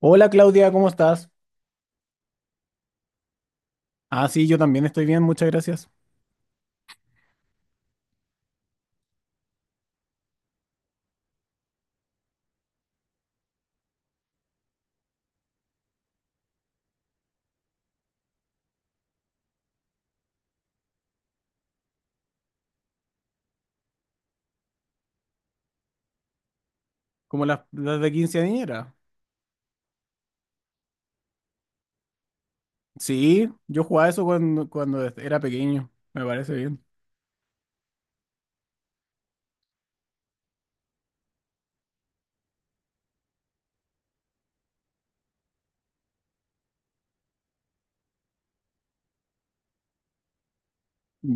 Hola Claudia, ¿cómo estás? Ah, sí, yo también estoy bien, muchas gracias. Como las de quinceañera. Sí, yo jugaba eso cuando era pequeño, me parece bien.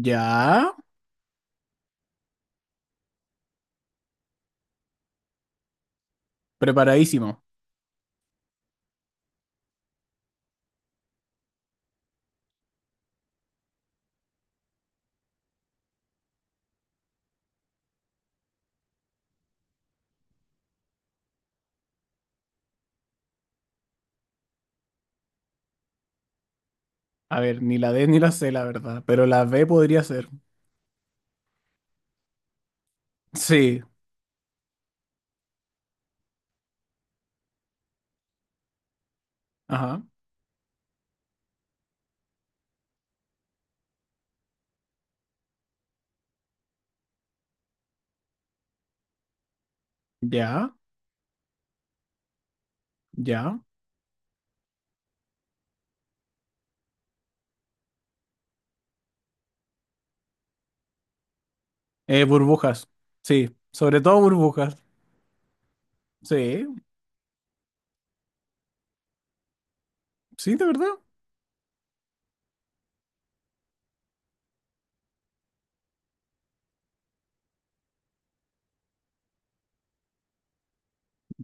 Ya, preparadísimo. A ver, ni la D ni la C, la verdad, pero la B podría ser. Sí, ajá, ya, ya. Burbujas, sí, sobre todo burbujas. Sí, sí, de verdad.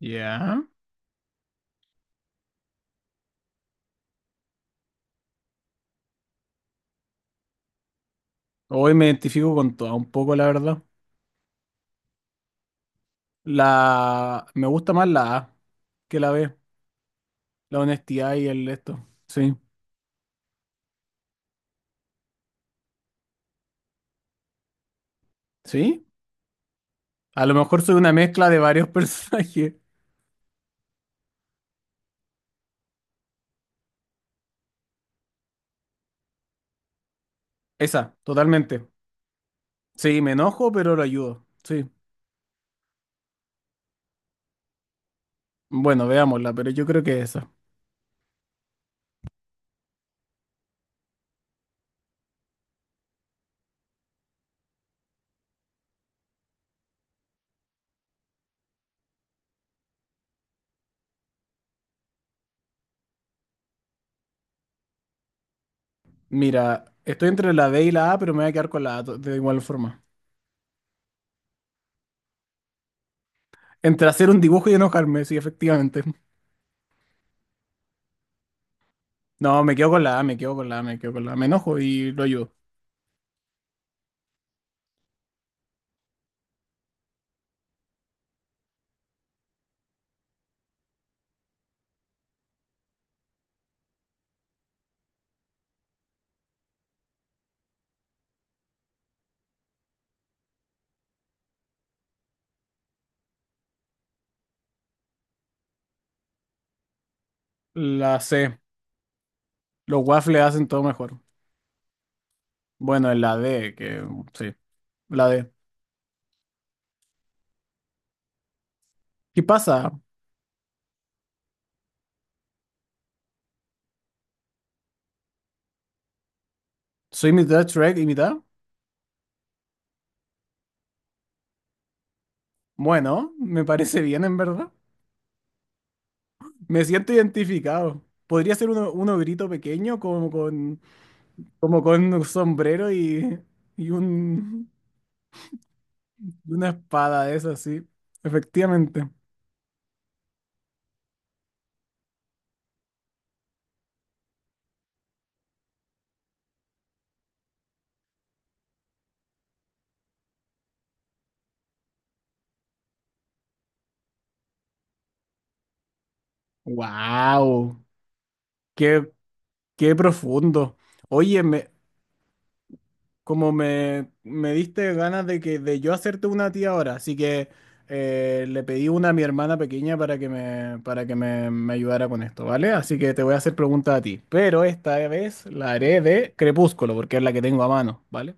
Ya. Hoy me identifico con toda un poco, la verdad. Me gusta más la A que la B. La honestidad y el esto. Sí, sí. A lo mejor soy una mezcla de varios personajes. Esa, totalmente. Sí, me enojo, pero lo ayudo. Sí. Bueno, veámosla, pero yo creo que es esa. Mira, estoy entre la D y la A, pero me voy a quedar con la A de igual forma. Entre hacer un dibujo y enojarme, sí, efectivamente. No, me quedo con la A, me quedo con la A, me quedo con la A. Me enojo y lo ayudo. La C. Los waffles hacen todo mejor. Bueno, en la D, que sí, la D. ¿Qué pasa? ¿Soy mitad Shrek y mitad? Bueno, me parece bien en verdad. Me siento identificado. Podría ser uno, un ogrito pequeño como con un sombrero y y una espada de esas, sí. Efectivamente. ¡Wow! ¡Qué, qué profundo! Oye, me, Como me diste ganas de que de yo hacerte una a ti ahora, así que le pedí una a mi hermana pequeña para que me ayudara con esto, ¿vale? Así que te voy a hacer preguntas a ti, pero esta vez la haré de Crepúsculo, porque es la que tengo a mano, ¿vale?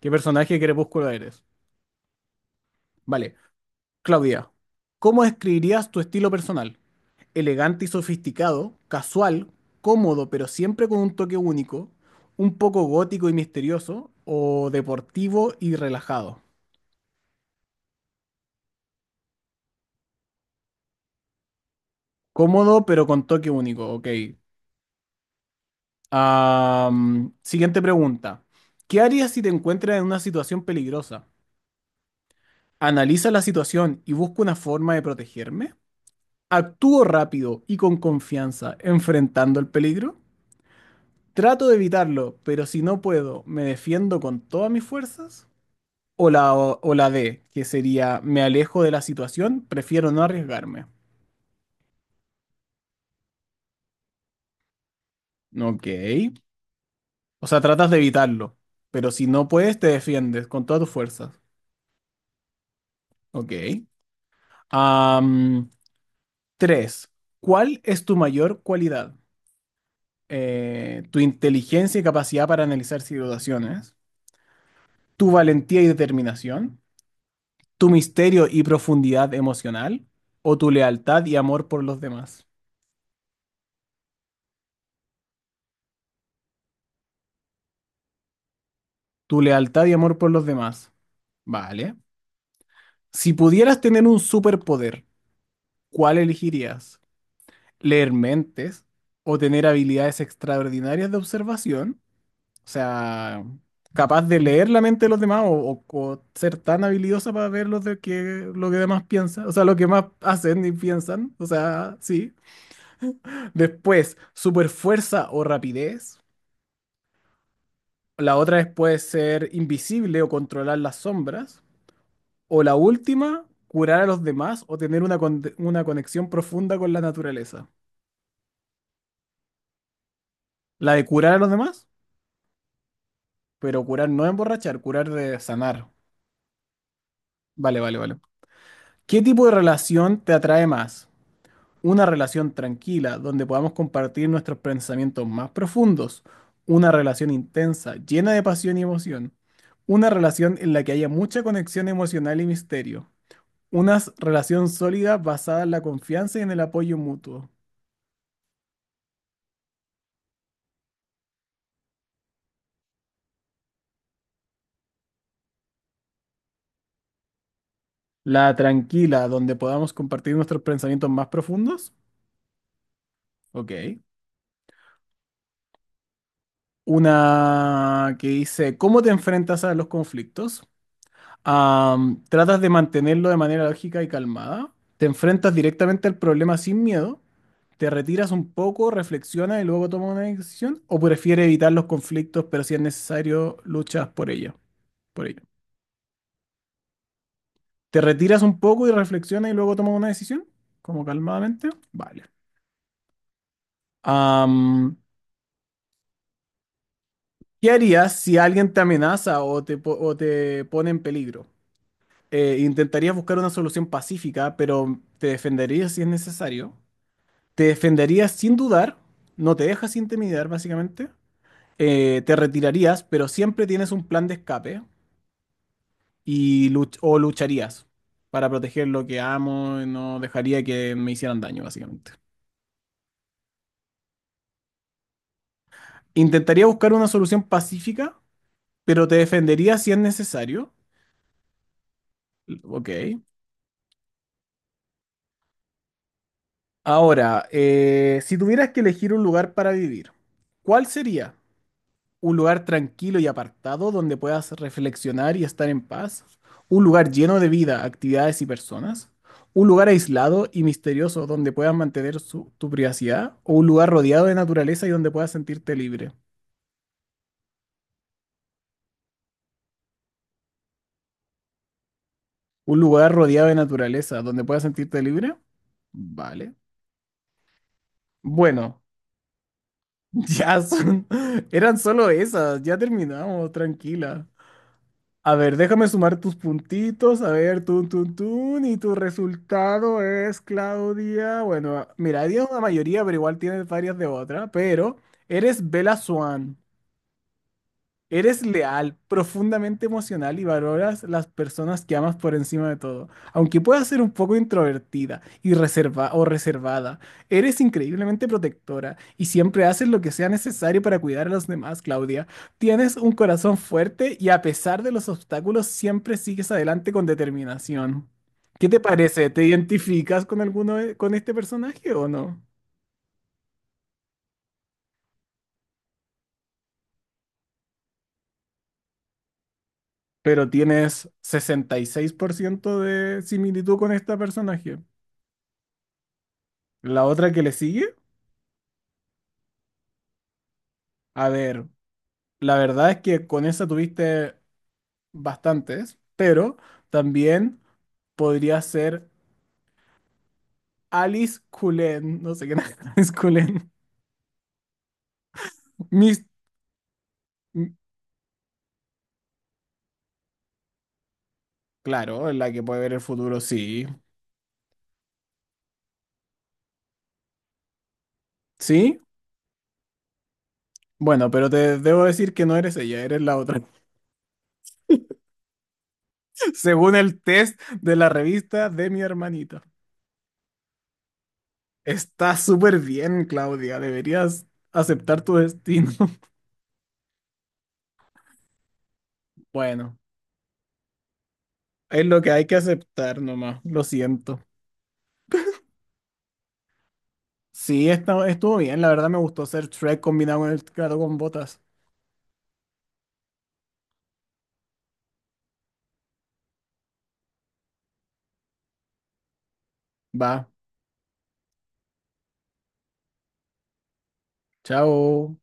¿Qué personaje de Crepúsculo eres? Vale, Claudia, ¿cómo describirías tu estilo personal? Elegante y sofisticado, casual, cómodo, pero siempre con un toque único, un poco gótico y misterioso, o deportivo y relajado. Cómodo, pero con toque único, ok. Am, siguiente pregunta. ¿Qué harías si te encuentras en una situación peligrosa? ¿Analiza la situación y busco una forma de protegerme? ¿Actúo rápido y con confianza enfrentando el peligro? ¿Trato de evitarlo, pero si no puedo, me defiendo con todas mis fuerzas? O la D, que sería me alejo de la situación, prefiero no arriesgarme? Ok. O sea, tratas de evitarlo, pero si no puedes, te defiendes con todas tus fuerzas. Ok. Am, tres. ¿Cuál es tu mayor cualidad? Tu inteligencia y capacidad para analizar situaciones, tu valentía y determinación, tu misterio y profundidad emocional, o tu lealtad y amor por los demás. Tu lealtad y amor por los demás. Vale. Si pudieras tener un superpoder, ¿cuál elegirías? ¿Leer mentes o tener habilidades extraordinarias de observación? O sea, capaz de leer la mente de los demás o ser tan habilidosa para ver lo que demás piensan, o sea, lo que más hacen y piensan, o sea, sí. Después, super fuerza o rapidez. La otra es puede ser invisible o controlar las sombras. O la última, curar a los demás o tener una conexión profunda con la naturaleza. La de curar a los demás, pero curar no emborrachar, curar de sanar. Vale, vale, vale. ¿Qué tipo de relación te atrae más? Una relación tranquila donde podamos compartir nuestros pensamientos más profundos, una relación intensa, llena de pasión y emoción, una relación en la que haya mucha conexión emocional y misterio, relación sólida basada en la confianza y en el apoyo mutuo, la tranquila donde podamos compartir nuestros pensamientos más profundos, ok. Una que dice, ¿cómo te enfrentas a los conflictos? Am, tratas de mantenerlo de manera lógica y calmada. Te enfrentas directamente al problema sin miedo. Te retiras un poco, reflexionas y luego tomas una decisión. O prefieres evitar los conflictos, pero si es necesario, luchas por ello. Por ello. Te retiras un poco y reflexionas y luego tomas una decisión. Como calmadamente. Vale. Am, ¿qué harías si alguien te amenaza o te pone en peligro? Intentarías buscar una solución pacífica, pero te defenderías si es necesario. Te defenderías sin dudar, no te dejas intimidar básicamente, te retirarías, pero siempre tienes un plan de escape y luch- o lucharías para proteger lo que amo y no dejaría que me hicieran daño básicamente. Intentaría buscar una solución pacífica, pero te defendería si es necesario. Ok. Ahora, si tuvieras que elegir un lugar para vivir, ¿cuál sería? Un lugar tranquilo y apartado donde puedas reflexionar y estar en paz, un lugar lleno de vida, actividades y personas, un lugar aislado y misterioso donde puedas mantener tu privacidad, o un lugar rodeado de naturaleza y donde puedas sentirte libre. Un lugar rodeado de naturaleza donde puedas sentirte libre. Vale. Bueno, ya son, eran solo esas, ya terminamos, tranquila. A ver, déjame sumar tus puntitos. A ver, tun, tun, tun. Y tu resultado es, Claudia. Bueno, mira, tienes una mayoría, pero igual tienes varias de otra. Pero eres Bella Swan. Eres leal, profundamente emocional y valoras las personas que amas por encima de todo. Aunque puedas ser un poco introvertida y reserva o reservada, eres increíblemente protectora y siempre haces lo que sea necesario para cuidar a los demás, Claudia. Tienes un corazón fuerte y a pesar de los obstáculos siempre sigues adelante con determinación. ¿Qué te parece? ¿Te identificas con con este personaje o no? Pero tienes 66% de similitud con este personaje. La otra que le sigue, a ver, la verdad es que con esa tuviste bastantes, pero también podría ser Alice Cullen, no sé qué es Alice Cullen. Mis, m- claro, la que puede ver el futuro, sí. ¿Sí? Bueno, pero te debo decir que no eres ella, eres la otra. Según el test de la revista de mi hermanita. Está súper bien, Claudia, deberías aceptar tu destino. Bueno, es lo que hay que aceptar nomás, lo siento. Sí, estuvo bien, la verdad me gustó hacer Shrek combinado con el gato con botas. Va, chao.